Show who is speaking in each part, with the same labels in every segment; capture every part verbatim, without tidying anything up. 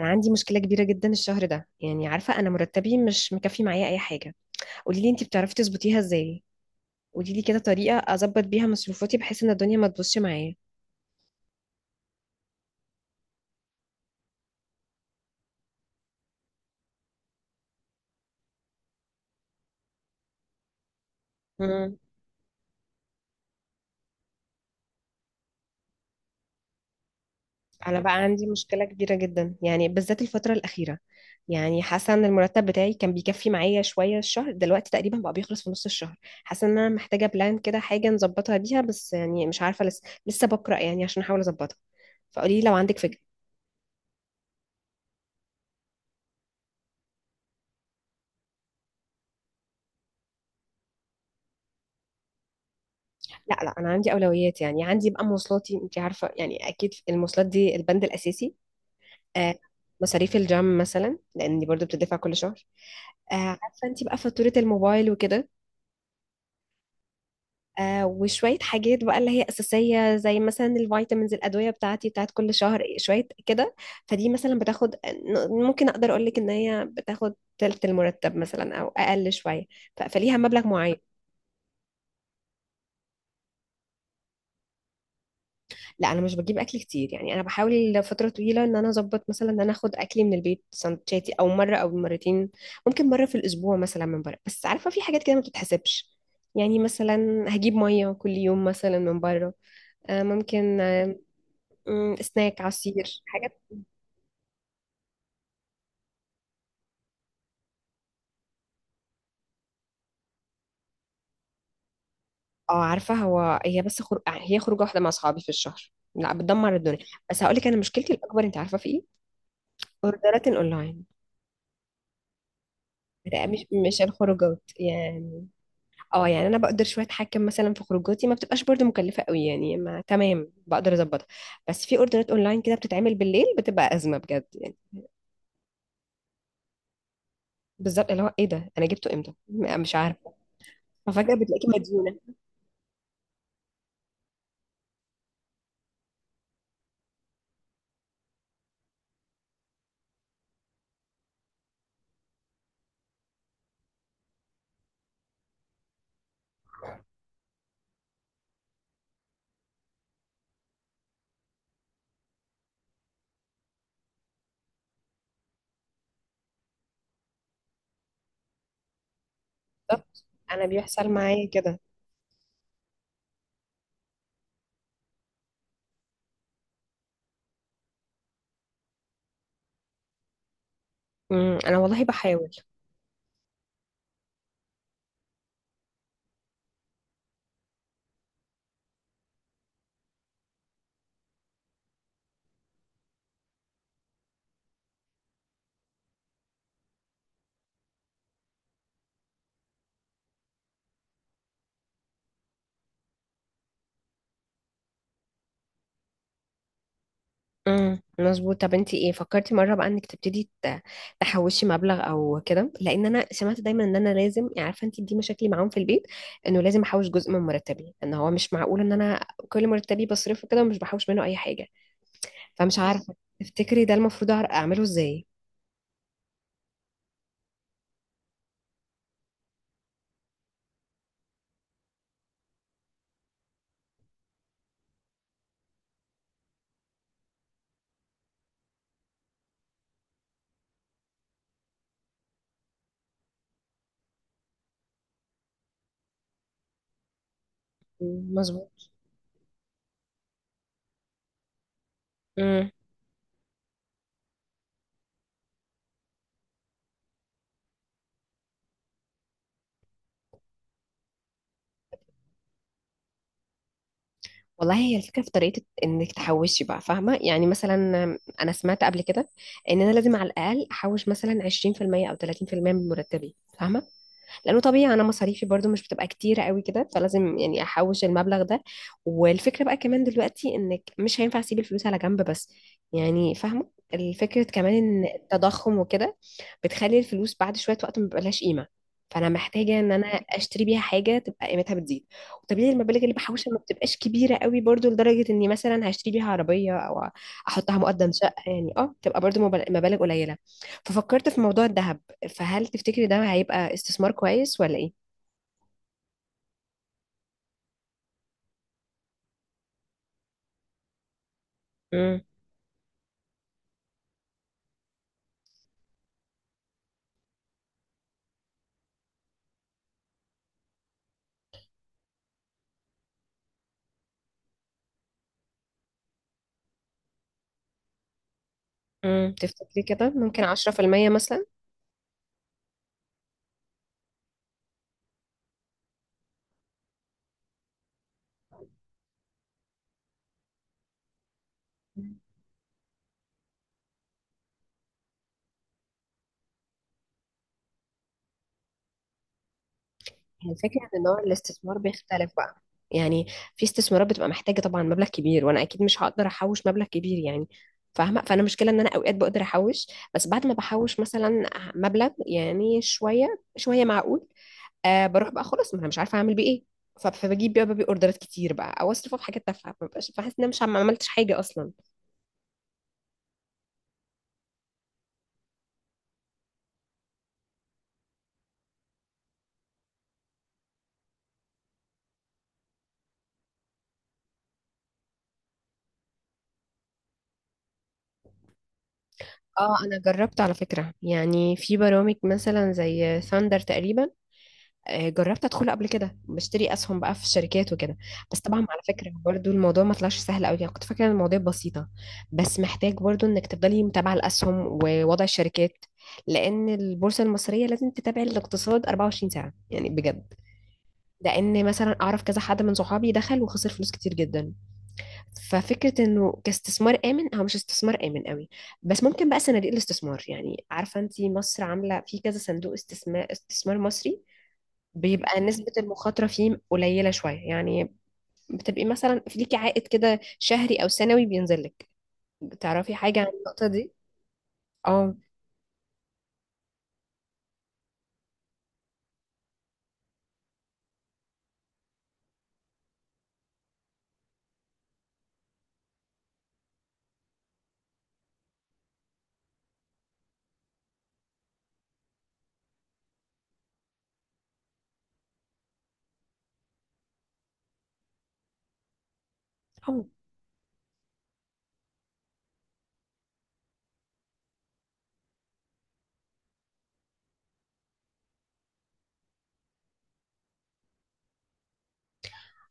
Speaker 1: انا عندي مشكله كبيره جدا الشهر ده، يعني عارفه انا مرتبي مش مكفي معايا اي حاجه. قولي لي انت بتعرفي تظبطيها ازاي؟ قولي لي كده طريقه اظبط بيها مصروفاتي بحيث ان الدنيا ما تبوظش معايا. امم انا بقى عندي مشكله كبيره جدا، يعني بالذات الفتره الاخيره. يعني حاسه ان المرتب بتاعي كان بيكفي معايا شويه، الشهر دلوقتي تقريبا بقى بيخلص في نص الشهر. حاسه ان انا محتاجه بلان كده حاجه نظبطها بيها، بس يعني مش عارفه، لسه لسه بقرا يعني عشان احاول اظبطها. فقولي لي لو عندك فكره. لا لا، انا عندي اولويات، يعني عندي بقى مواصلاتي، انت عارفه يعني اكيد المواصلات دي البند الاساسي. آه. مصاريف الجيم مثلا لاني برضو بتدفع كل شهر. آه. عارفه انت بقى فاتوره الموبايل وكده. آه، وشويه حاجات بقى اللي هي اساسيه زي مثلا الفيتامينز، الادويه بتاعتي بتاعت كل شهر، شويه كده. فدي مثلا بتاخد، ممكن اقدر اقول لك ان هي بتاخد تلت المرتب مثلا او اقل شويه. ف- فليها مبلغ معين. لا، انا مش بجيب اكل كتير، يعني انا بحاول فتره طويله ان انا اظبط مثلا ان انا اخد اكلي من البيت، سندوتشاتي او مره او مرتين. ممكن مره في الاسبوع مثلا من بره، بس عارفه في حاجات كده ما بتتحسبش. يعني مثلا هجيب ميه كل يوم مثلا من بره. آه، ممكن. آه، مم، سناك عصير حاجات. اه، عارفه هو هي بس خر... آه، هي خروجه واحده مع اصحابي في الشهر لا بتدمر الدنيا. بس هقول لك انا مشكلتي الاكبر انت عارفه في ايه. اوردرات اونلاين. لا، مش مش الخروجات يعني. اه، يعني انا بقدر شويه اتحكم مثلا في خروجاتي، ما بتبقاش برضو مكلفه قوي يعني، ما تمام بقدر اظبطها. بس في اوردرات اونلاين كده بتتعمل بالليل، بتبقى ازمه بجد يعني. بالظبط، اللي هو ايه ده، انا جبته امتى؟ م- مش عارفه. ففجاه بتلاقيكي مديونه. بالظبط، انا بيحصل معايا كده. امم انا والله بحاول. امم مظبوط. طب انت ايه فكرتي مره بقى انك تبتدي ت- تحوشي مبلغ او كده؟ لان انا سمعت دايما ان انا لازم، يعني عارفه انت دي مشاكلي معاهم في البيت، انه لازم احوش جزء من مرتبي. ان هو مش معقول ان انا كل مرتبي بصرفه كده ومش بحوش منه اي حاجه. فمش عارفه تفتكري ده المفروض أعر- اعمله ازاي؟ مم، مظبوط. امم والله هي الفكره في طريقه انك تحوشي بقى، فاهمه يعني. مثلا انا سمعت قبل كده ان انا لازم على الاقل احوش مثلا عشرين في المية او تلاتين في المية من مرتبي، فاهمه، لانه طبيعي انا مصاريفي برضو مش بتبقى كتيره قوي كده، فلازم يعني احوش المبلغ ده. والفكره بقى كمان دلوقتي انك مش هينفع اسيب الفلوس على جنب بس، يعني فاهمه الفكره كمان ان التضخم وكده بتخلي الفلوس بعد شويه وقت ما بيبقالهاش قيمه. فانا محتاجه ان انا اشتري بيها حاجه تبقى قيمتها بتزيد. وطبيعي المبالغ اللي بحوشها ما بتبقاش كبيره قوي برضو لدرجه اني مثلا هشتري بيها عربيه، او احطها مقدم شقه. يعني اه تبقى برضو مبالغ مبالغ قليله. ففكرت في موضوع الذهب. فهل تفتكري ده هيبقى استثمار كويس ولا ايه؟ امم امم تفتكري كده ممكن عشرة بالمية مثلا؟ مم. هي الفكرة ان نوع الاستثمار بيختلف بقى، يعني في استثمارات بتبقى محتاجة طبعا مبلغ كبير، وانا اكيد مش هقدر احوش مبلغ كبير يعني، فاهمة. فانا مشكلة ان انا اوقات بقدر احوش، بس بعد ما بحوش مثلا مبلغ يعني شوية شوية معقول، آه بروح بقى خلاص، ما انا مش عارفة اعمل بيه ايه. ف- فبجيب بقى بقى اوردرات كتير بقى، او اصرفه في حاجات تافهة ما ببقاش بحس ان انا مش عم- ما عملتش حاجة اصلا. اه، انا جربت على فكرة يعني في برامج مثلا زي ثاندر تقريبا. آه، جربت ادخله قبل كده بشتري اسهم بقى في الشركات وكده. بس طبعا على فكرة برضو الموضوع ما طلعش سهل قوي يعني، كنت فاكرة إن الموضوع بسيطة. بس محتاج برضو انك تفضلي متابعة الاسهم ووضع الشركات، لان البورصة المصرية لازم تتابع الاقتصاد 24 ساعة يعني بجد. لان مثلا اعرف كذا حد من صحابي دخل وخسر فلوس كتير جدا. ففكرة انه كاستثمار آمن، هو مش استثمار آمن قوي. بس ممكن بقى صناديق الاستثمار، يعني عارفة انت مصر عاملة في كذا صندوق استثمار، استثمار مصري بيبقى نسبة المخاطرة فيه قليلة شوية يعني. بتبقي مثلا في ليكي عائد كده شهري أو سنوي بينزل لك. تعرفي حاجة عن النقطة دي؟ اه. اه،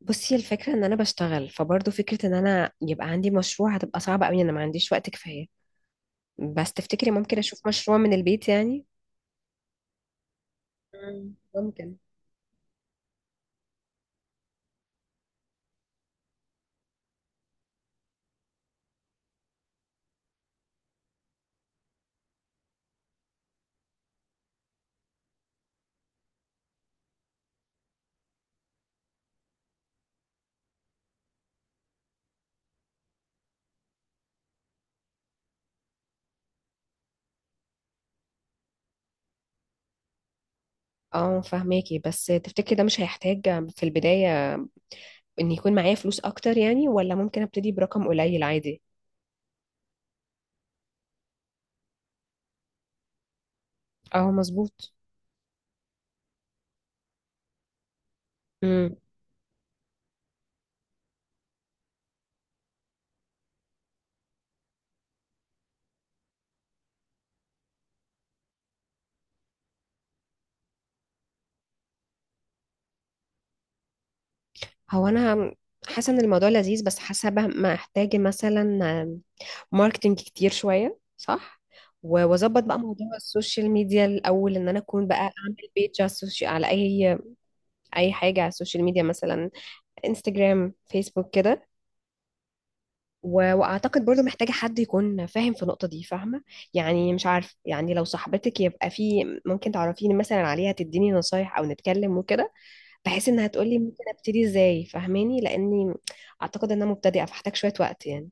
Speaker 1: بصي الفكرة ان انا بشتغل، فبرضه فكرة ان انا يبقى عندي مشروع هتبقى صعبة قوي، انا ما عنديش وقت كفاية. بس تفتكري ممكن اشوف مشروع من البيت يعني؟ مم، ممكن. اه، فهماكي، بس تفتكري ده مش هيحتاج في البداية ان يكون معايا فلوس اكتر يعني، ولا ممكن ابتدي برقم قليل عادي؟ اه، مظبوط. امم هو انا حاسة ان الموضوع لذيذ، بس حاسة بقى محتاجة مثلا ماركتينج كتير شوية، صح؟ و- واظبط بقى موضوع السوشيال ميديا الاول، ان انا اكون بقى اعمل بيج على السوشيال، على اي اي حاجة على السوشيال ميديا مثلا، انستجرام، فيسبوك كده. و- واعتقد برضو محتاجة حد يكون فاهم في النقطة دي، فاهمة. يعني مش عارف، يعني لو صاحبتك يبقى في ممكن تعرفيني مثلا عليها، تديني نصايح او نتكلم وكده، بحيث انها تقولي ممكن ابتدي ازاي، فاهماني، لاني اعتقد ان انا مبتدئة فاحتاج شوية وقت يعني.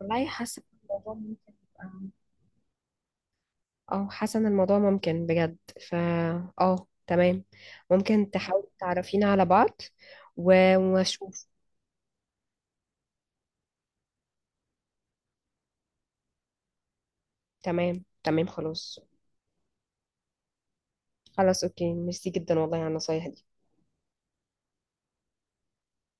Speaker 1: والله حاسة إن الموضوع ممكن يبقى، اه حاسة ان الموضوع ممكن بجد. فا اه، تمام. ممكن تحاولي تعرفينا على بعض و- واشوف. تمام، تمام، خلاص. خلاص، اوكي، ميرسي جدا والله على النصايح دي.